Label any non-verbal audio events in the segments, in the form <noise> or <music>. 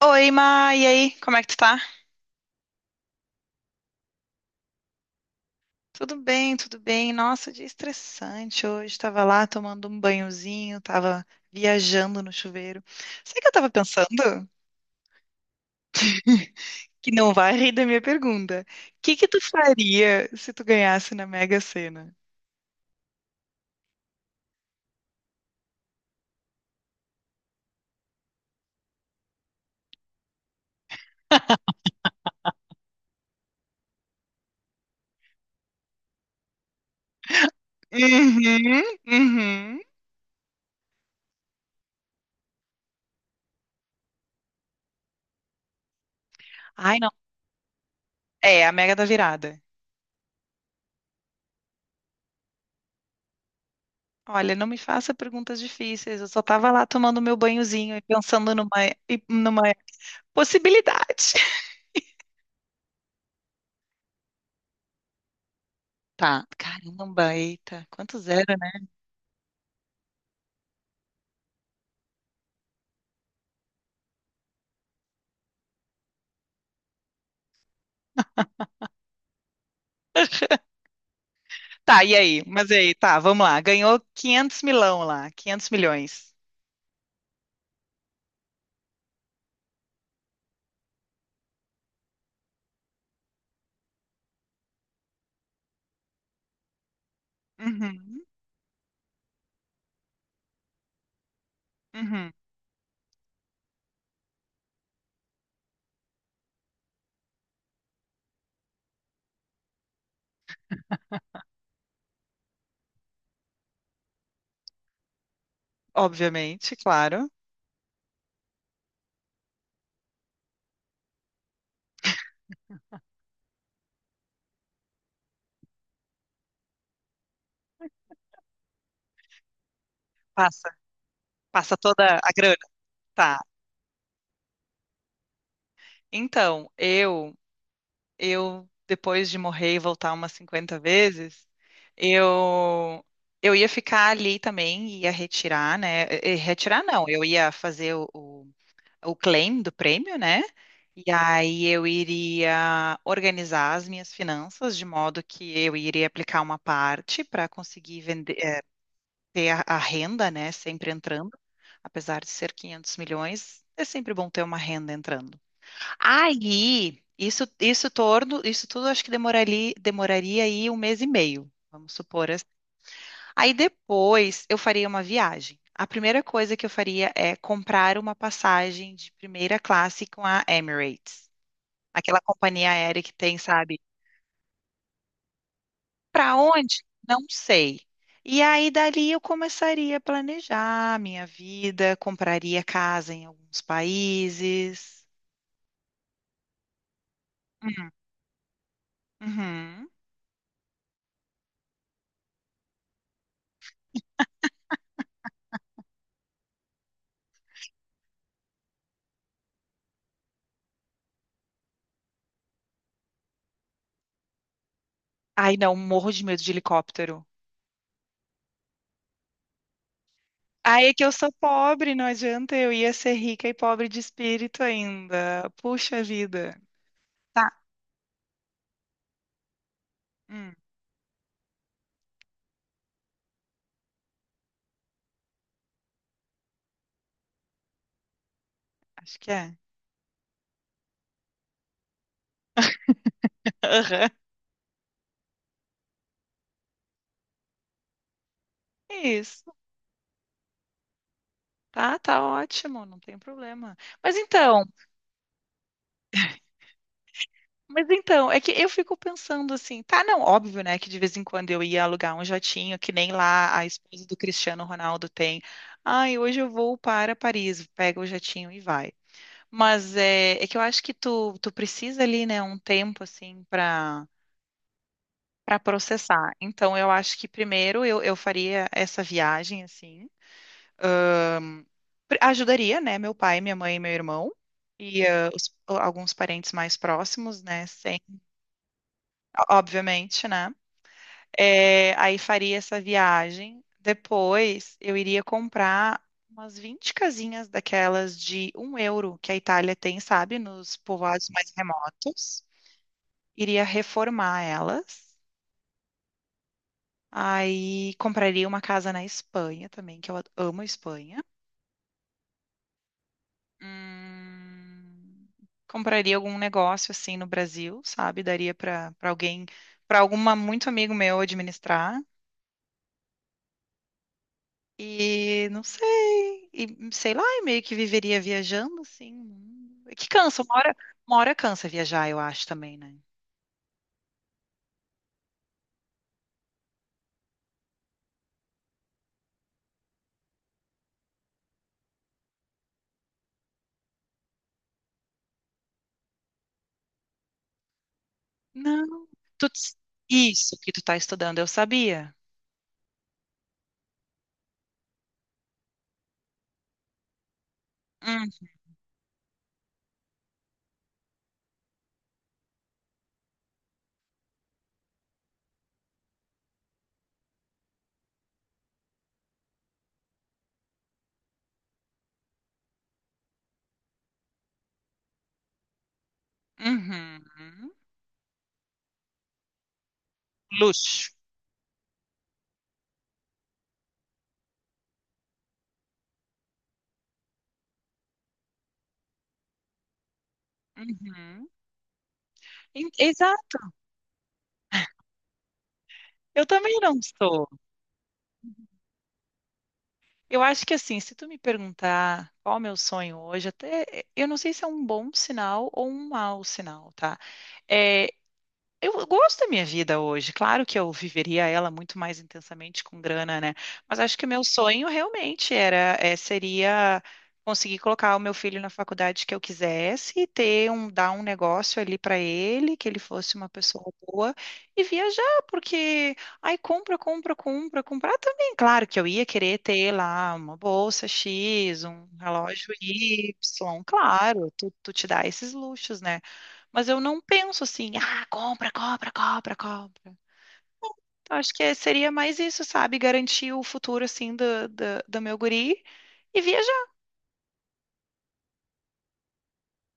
Oi, Ma, e aí? Como é que tu tá? Tudo bem, tudo bem. Nossa, dia estressante hoje. Tava lá tomando um banhozinho, tava viajando no chuveiro. Sabe o que eu tava pensando? <laughs> Que não vai rir da minha pergunta. O que que tu faria se tu ganhasse na Mega Sena? Uhum, uhum. Ai, não. É, a Mega da Virada. Olha, não me faça perguntas difíceis. Eu só tava lá tomando meu banhozinho e pensando numa, numa possibilidade. Tá, caramba, eita, quanto zero, né? Tá, e aí? Mas e aí, tá, vamos lá. Ganhou 500 milão lá, 500 milhões. Uhum, uhum. Obviamente, claro. Passa, passa toda a grana. Tá. Então, eu depois de morrer e voltar umas 50 vezes, eu eu ia ficar ali também, ia retirar, né? E retirar não, eu ia fazer o claim do prêmio, né? E aí eu iria organizar as minhas finanças de modo que eu iria aplicar uma parte para conseguir vender, ter a renda, né, sempre entrando, apesar de ser 500 milhões, é sempre bom ter uma renda entrando. Aí, isso tudo acho que demoraria aí 1 mês e meio, vamos supor. Aí depois eu faria uma viagem. A primeira coisa que eu faria é comprar uma passagem de primeira classe com a Emirates, aquela companhia aérea que tem, sabe? Para onde? Não sei. E aí dali eu começaria a planejar a minha vida, compraria casa em alguns países. Hum, uhum. Ai, não, morro de medo de helicóptero. Aí é que eu sou pobre, não adianta, eu ia ser rica e pobre de espírito ainda. Puxa vida. Tá. Acho que é. Aham. Isso. Tá, tá ótimo, não tem problema. Mas então, mas então, é que eu fico pensando assim, tá, não, óbvio, né, que de vez em quando eu ia alugar um jatinho, que nem lá a esposa do Cristiano Ronaldo tem. Ai, hoje eu vou para Paris, pega o jatinho e vai. Mas é, é que eu acho que tu, tu precisa ali, né, um tempo assim para processar. Então eu acho que primeiro eu faria essa viagem assim. Ajudaria, né? Meu pai, minha mãe e meu irmão. E os- alguns parentes mais próximos, né? Sem, obviamente, né? É, aí faria essa viagem. Depois eu iria comprar umas 20 casinhas daquelas de 1 euro que a Itália tem, sabe? Nos povoados mais remotos. Iria reformar elas. Aí compraria uma casa na Espanha também, que eu amo a Espanha. Hum, compraria algum negócio assim no Brasil, sabe? Daria para alguém, para alguma muito amigo meu administrar. E não sei, e sei lá, e meio que viveria viajando assim. Hum. Que cansa, uma hora cansa viajar, eu acho também, né? Não, tu, isso que tu tá estudando, eu sabia. Hum, uhum. Luxo. Uhum. Exato. Eu também não sou. Eu acho que assim, se tu me perguntar qual é o meu sonho hoje, até eu não sei se é um bom sinal ou um mau sinal, tá? Eh, eu gosto da minha vida hoje. Claro que eu viveria ela muito mais intensamente com grana, né? Mas acho que o meu sonho realmente era, é, seria conseguir colocar o meu filho na faculdade que eu quisesse, e ter um, dar um negócio ali para ele, que ele fosse uma pessoa boa e viajar, porque ai, compra, compra, compra, comprar também. Claro que eu ia querer ter lá uma bolsa X, um relógio Y, claro, tu, tu te dá esses luxos, né? Mas eu não penso assim, ah, compra, compra, compra, compra. Então, acho que seria mais isso, sabe? Garantir o futuro, assim, do, do, do meu guri e viajar.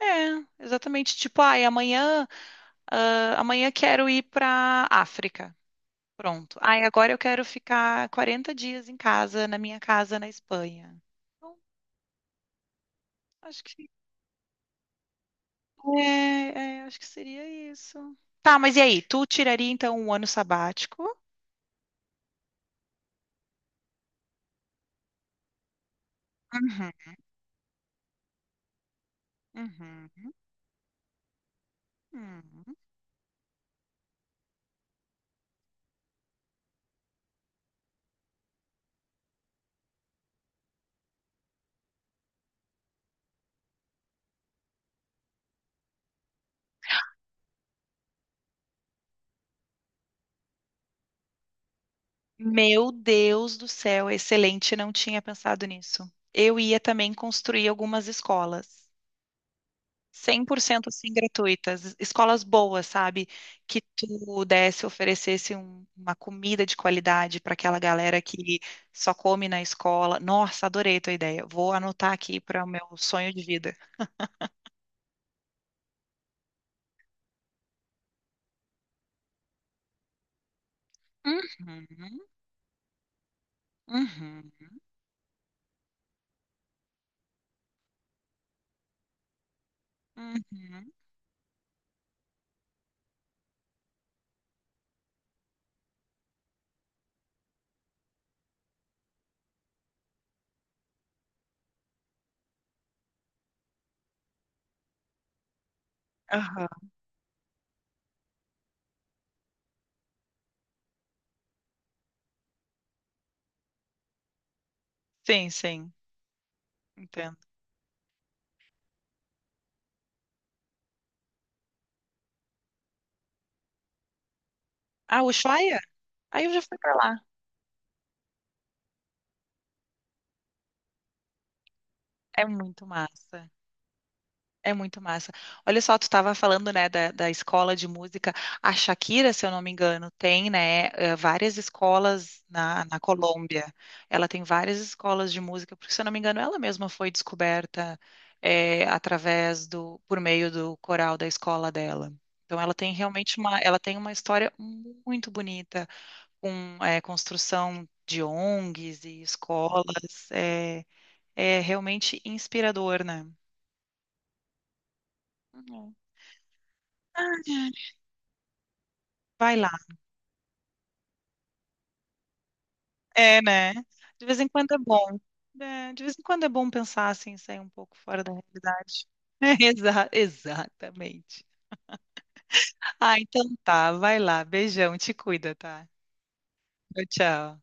É, exatamente. Tipo, ai, amanhã, ah, amanhã quero ir pra África. Pronto. Ai, agora eu quero ficar 40 dias em casa, na minha casa na Espanha. Então, acho que, acho que seria isso. Tá, mas e aí? Tu tiraria, então, um ano sabático? Uhum, uhum, uhum. Meu Deus do céu, excelente, não tinha pensado nisso. Eu ia também construir algumas escolas, 100% assim gratuitas, escolas boas, sabe? Que tu desse, oferecesse uma comida de qualidade para aquela galera que só come na escola. Nossa, adorei tua ideia. Vou anotar aqui para o meu sonho de vida. Uhum, uhum, uhum, aham. Sim, sim, entendo. Ah, Ushuaia? Aí eu já fui pra lá. É muito massa. É muito massa. Olha só, tu estava falando, né, da, da escola de música. A Shakira, se eu não me engano, tem, né, várias escolas na, na Colômbia. Ela tem várias escolas de música, porque, se eu não me engano, ela mesma foi descoberta, através do, por meio do coral da escola dela. Então, ela tem realmente uma, ela tem uma história muito bonita, com, construção de ONGs e escolas. É, é realmente inspirador, né? Uhum. Vai lá. É, né? De vez em quando é bom. É, de vez em quando é bom pensar assim, sair um pouco fora da realidade. <laughs> Exatamente. Ah, então tá. Vai lá. Beijão. Te cuida, tá? Tchau, tchau.